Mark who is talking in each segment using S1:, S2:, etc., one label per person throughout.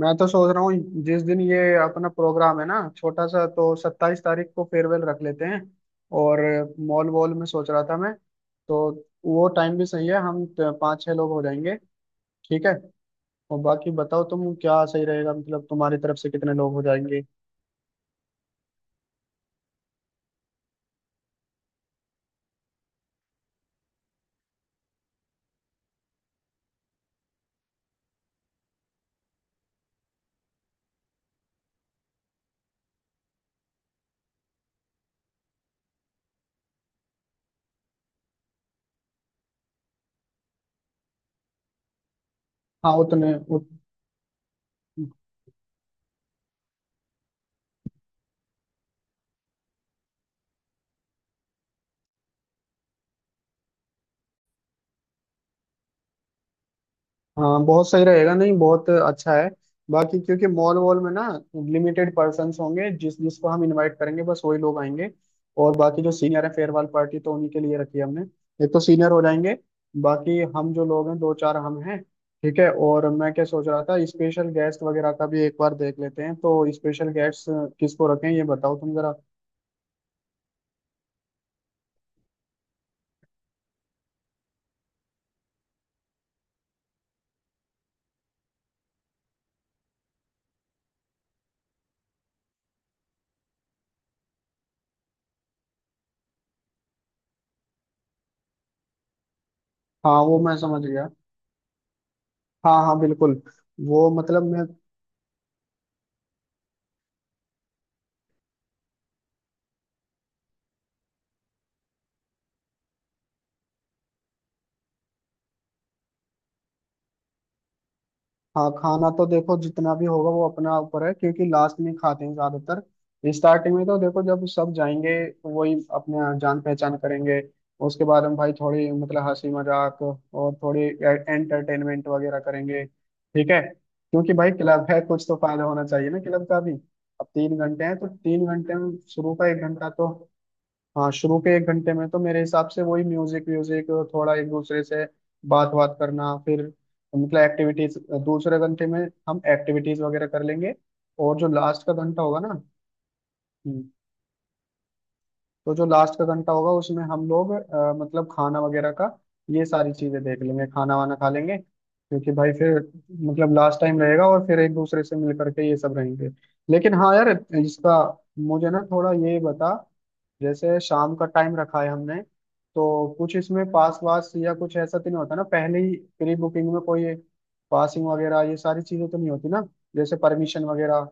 S1: मैं तो सोच रहा हूँ जिस दिन ये अपना प्रोग्राम है ना, छोटा सा, तो 27 तारीख को फेयरवेल रख लेते हैं। और मॉल वॉल में सोच रहा था मैं, तो वो टाइम भी सही है। हम पाँच छह लोग हो जाएंगे। ठीक है। और बाकी बताओ तुम, क्या सही रहेगा, मतलब तुम्हारी तरफ से कितने लोग हो जाएंगे? हाँ उतने। हाँ बहुत सही रहेगा। नहीं बहुत अच्छा है। बाकी क्योंकि मॉल वॉल में ना लिमिटेड पर्सन्स होंगे, जिस जिसको हम इनवाइट करेंगे बस वही लोग आएंगे। और बाकी जो सीनियर है फेयरवेल पार्टी तो उन्हीं के लिए रखी है हमने। एक तो सीनियर हो जाएंगे, बाकी हम जो लोग हैं दो चार हम हैं। ठीक है। और मैं क्या सोच रहा था स्पेशल गेस्ट वगैरह का भी एक बार देख लेते हैं, तो स्पेशल गेस्ट किसको रखें ये बताओ तुम जरा। हाँ वो मैं समझ गया। हाँ हाँ बिल्कुल। वो मतलब मैं। हाँ खाना तो देखो जितना भी होगा वो अपना ऊपर है, क्योंकि लास्ट में खाते हैं ज्यादातर। स्टार्टिंग में तो देखो जब सब जाएंगे तो वही अपने जान पहचान करेंगे। उसके बाद हम भाई थोड़ी मतलब हंसी मजाक और थोड़ी एंटरटेनमेंट वगैरह करेंगे। ठीक है क्योंकि भाई क्लब है, कुछ तो फायदा होना चाहिए ना क्लब का भी। अब 3 घंटे हैं तो 3 घंटे में शुरू का 1 घंटा तो, हाँ शुरू के 1 घंटे में तो मेरे हिसाब से वही म्यूजिक व्यूजिक, थोड़ा एक दूसरे से बात बात करना, फिर मतलब एक्टिविटीज। दूसरे घंटे में हम एक्टिविटीज वगैरह कर लेंगे। और जो लास्ट का घंटा होगा ना, हम्म, तो जो लास्ट का घंटा होगा उसमें हम लोग मतलब खाना वगैरह का, ये सारी चीजें देख लेंगे, खाना वाना खा लेंगे। क्योंकि भाई फिर मतलब लास्ट टाइम रहेगा और फिर एक दूसरे से मिल करके ये सब रहेंगे। लेकिन हाँ यार, इसका मुझे ना थोड़ा ये बता, जैसे शाम का टाइम रखा है हमने तो कुछ इसमें पास वास या कुछ ऐसा तो नहीं होता ना, पहले ही प्री बुकिंग में कोई पासिंग वगैरह ये सारी चीजें तो नहीं होती ना, जैसे परमिशन वगैरह।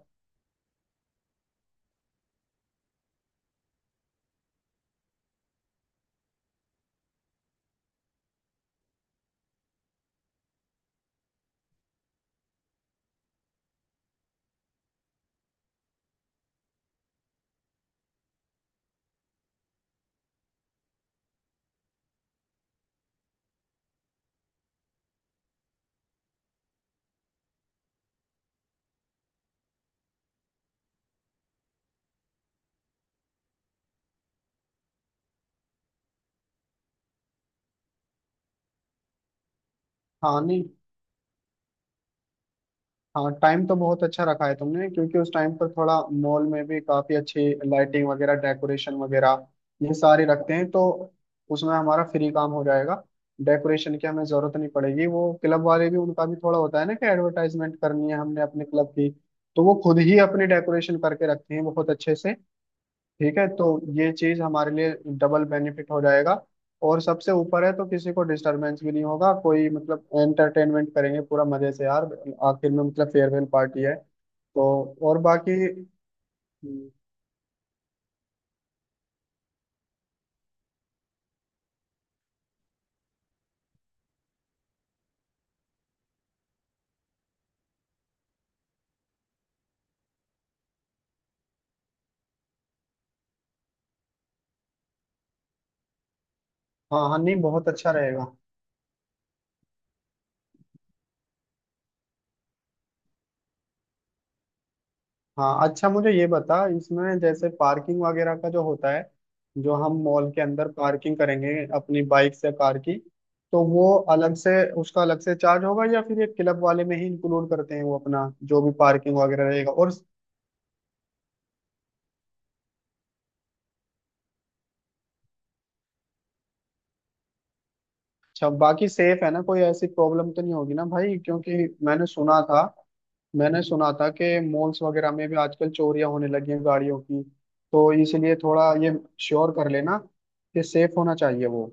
S1: हाँ नहीं, हाँ टाइम तो बहुत अच्छा रखा है तुमने, क्योंकि उस टाइम पर थोड़ा मॉल में भी काफी अच्छी लाइटिंग वगैरह डेकोरेशन वगैरह ये सारे रखते हैं, तो उसमें हमारा फ्री काम हो जाएगा, डेकोरेशन की हमें जरूरत नहीं पड़ेगी। वो क्लब वाले भी उनका भी थोड़ा होता है ना कि एडवर्टाइजमेंट करनी है हमने अपने क्लब की, तो वो खुद ही अपनी डेकोरेशन करके रखते हैं बहुत अच्छे से। ठीक है तो ये चीज हमारे लिए डबल बेनिफिट हो जाएगा, और सबसे ऊपर है तो किसी को डिस्टरबेंस भी नहीं होगा, कोई मतलब एंटरटेनमेंट करेंगे पूरा मजे से यार, आखिर में मतलब फेयरवेल पार्टी है। तो और बाकी, हाँ हाँ नहीं बहुत अच्छा रहेगा। हाँ अच्छा मुझे ये बता, इसमें जैसे पार्किंग वगैरह का जो होता है, जो हम मॉल के अंदर पार्किंग करेंगे अपनी बाइक से कार की, तो वो अलग से, उसका अलग से चार्ज होगा या फिर ये क्लब वाले में ही इंक्लूड करते हैं वो अपना जो भी पार्किंग वगैरह रहेगा। और अच्छा बाकी सेफ है ना, कोई ऐसी प्रॉब्लम तो नहीं होगी ना भाई, क्योंकि मैंने सुना था मैंने सुना था कि मॉल्स वगैरह में भी आजकल चोरियां होने लगी हैं गाड़ियों की, तो इसलिए थोड़ा ये श्योर कर लेना कि सेफ होना चाहिए वो।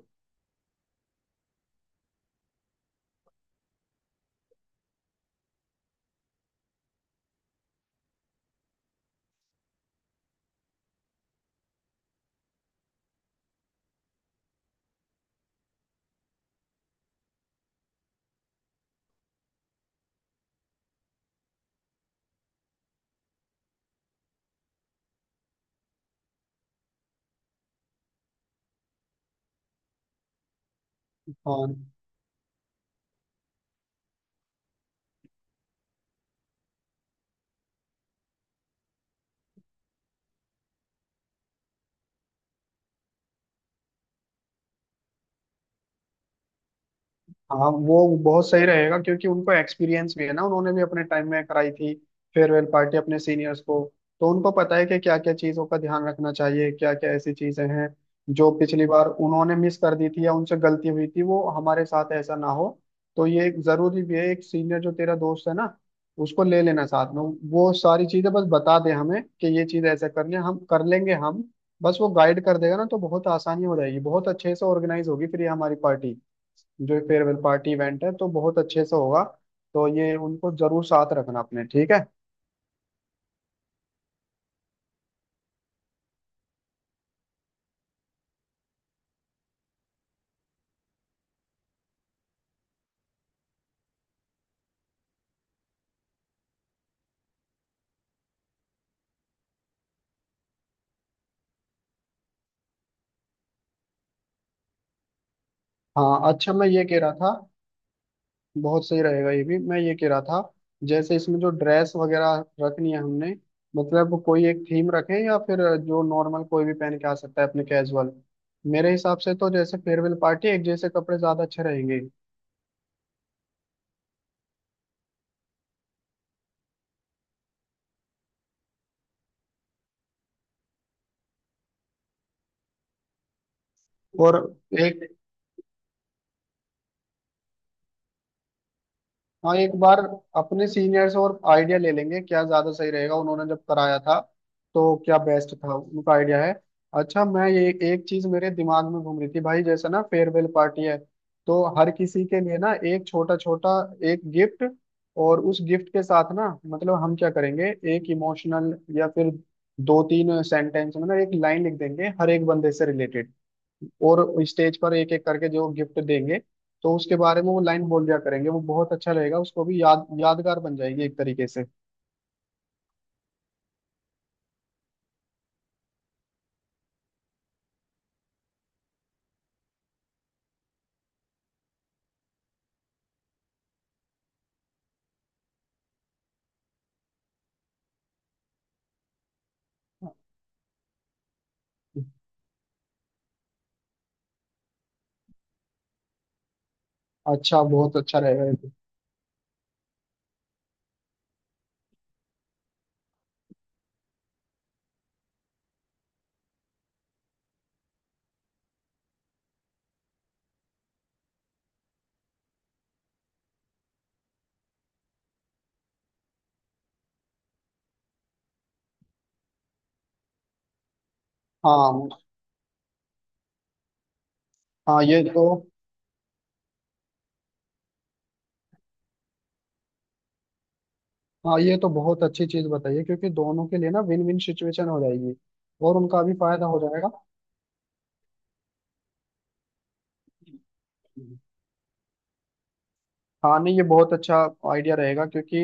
S1: हाँ हाँ, वो बहुत सही रहेगा क्योंकि उनको एक्सपीरियंस भी है ना, उन्होंने भी अपने टाइम में कराई थी फेयरवेल पार्टी अपने सीनियर्स को, तो उनको पता है कि क्या क्या चीज़ों का ध्यान रखना चाहिए, क्या क्या ऐसी चीज़ें हैं जो पिछली बार उन्होंने मिस कर दी थी या उनसे गलती हुई थी, वो हमारे साथ ऐसा ना हो। तो ये एक जरूरी भी है, एक सीनियर जो तेरा दोस्त है ना उसको ले लेना साथ में, वो सारी चीज़ें बस बता दे हमें कि ये चीज़ ऐसा करनी है हम कर लेंगे हम, बस वो गाइड कर देगा ना तो बहुत आसानी हो जाएगी, बहुत अच्छे से ऑर्गेनाइज होगी फिर ये हमारी पार्टी, जो फेयरवेल पार्टी इवेंट है तो बहुत अच्छे से होगा। तो ये उनको जरूर साथ रखना अपने, ठीक है। हाँ अच्छा मैं ये कह रहा था, बहुत सही रहेगा ये भी। मैं ये कह रहा था जैसे इसमें जो ड्रेस वगैरह रखनी है हमने, मतलब कोई एक थीम रखें या फिर जो नॉर्मल कोई भी पहन के आ सकता है अपने कैजुअल। मेरे हिसाब से तो जैसे फेयरवेल पार्टी एक जैसे कपड़े ज्यादा अच्छे रहेंगे। और एक, हाँ एक बार अपने सीनियर से और आइडिया ले लेंगे क्या ज्यादा सही रहेगा, उन्होंने जब कराया था तो क्या बेस्ट था उनका आइडिया है। अच्छा मैं ये एक चीज मेरे दिमाग में घूम रही थी भाई, जैसे ना फेयरवेल पार्टी है तो हर किसी के लिए ना एक छोटा छोटा एक गिफ्ट, और उस गिफ्ट के साथ ना मतलब हम क्या करेंगे, एक इमोशनल या फिर दो तीन सेंटेंस में ना एक लाइन लिख देंगे हर एक बंदे से रिलेटेड, और स्टेज पर एक एक करके जो गिफ्ट देंगे तो उसके बारे में वो लाइन बोल दिया करेंगे, वो बहुत अच्छा रहेगा उसको भी यादगार बन जाएगी एक तरीके से। अच्छा बहुत अच्छा रहेगा ये तो। हाँ हाँ ये तो, हाँ ये तो बहुत अच्छी चीज बताइए, क्योंकि दोनों के लिए ना विन विन सिचुएशन हो जाएगी और उनका भी फायदा हो जाएगा। हाँ नहीं ये बहुत अच्छा आइडिया रहेगा, क्योंकि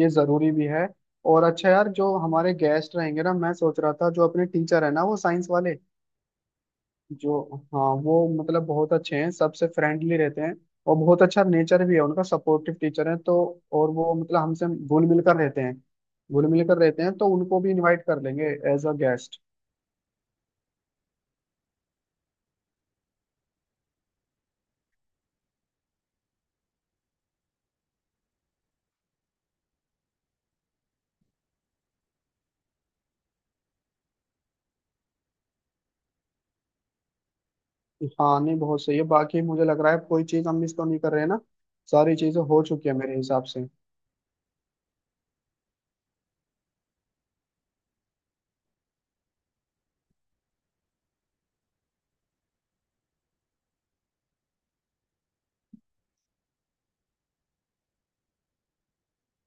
S1: ये जरूरी भी है। और अच्छा यार जो हमारे गेस्ट रहेंगे ना, मैं सोच रहा था जो अपने टीचर है ना वो साइंस वाले, जो, हाँ वो मतलब बहुत अच्छे हैं, सबसे फ्रेंडली रहते हैं और बहुत अच्छा नेचर भी है उनका, सपोर्टिव टीचर है तो। और वो मतलब हमसे घुल मिल कर रहते हैं, घुल मिल कर रहते हैं तो उनको भी इनवाइट कर लेंगे एज अ गेस्ट। हाँ नहीं बहुत सही है, बाकी मुझे लग रहा है कोई चीज हम मिस तो नहीं कर रहे हैं ना, सारी चीजें हो चुकी है मेरे हिसाब से।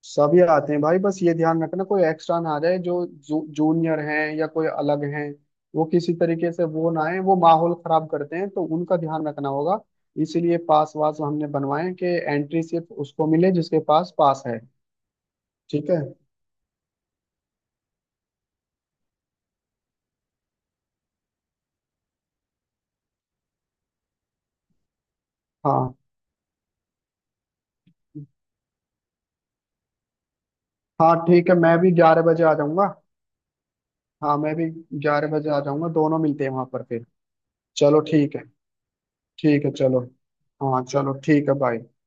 S1: सभी आते हैं भाई बस ये ध्यान रखना कोई एक्स्ट्रा ना आ जाए, जो जूनियर हैं या कोई अलग हैं, वो किसी तरीके से वो ना आए, वो माहौल खराब करते हैं तो उनका ध्यान रखना होगा। इसीलिए पास वास हमने बनवाए कि एंट्री सिर्फ उसको मिले जिसके पास पास है, ठीक है। हाँ हाँ ठीक है, मैं भी 11 बजे आ जाऊंगा। हाँ मैं भी 11 बजे आ जाऊंगा, दोनों मिलते हैं वहां पर फिर। चलो ठीक है। ठीक है चलो। हाँ चलो ठीक है बाय।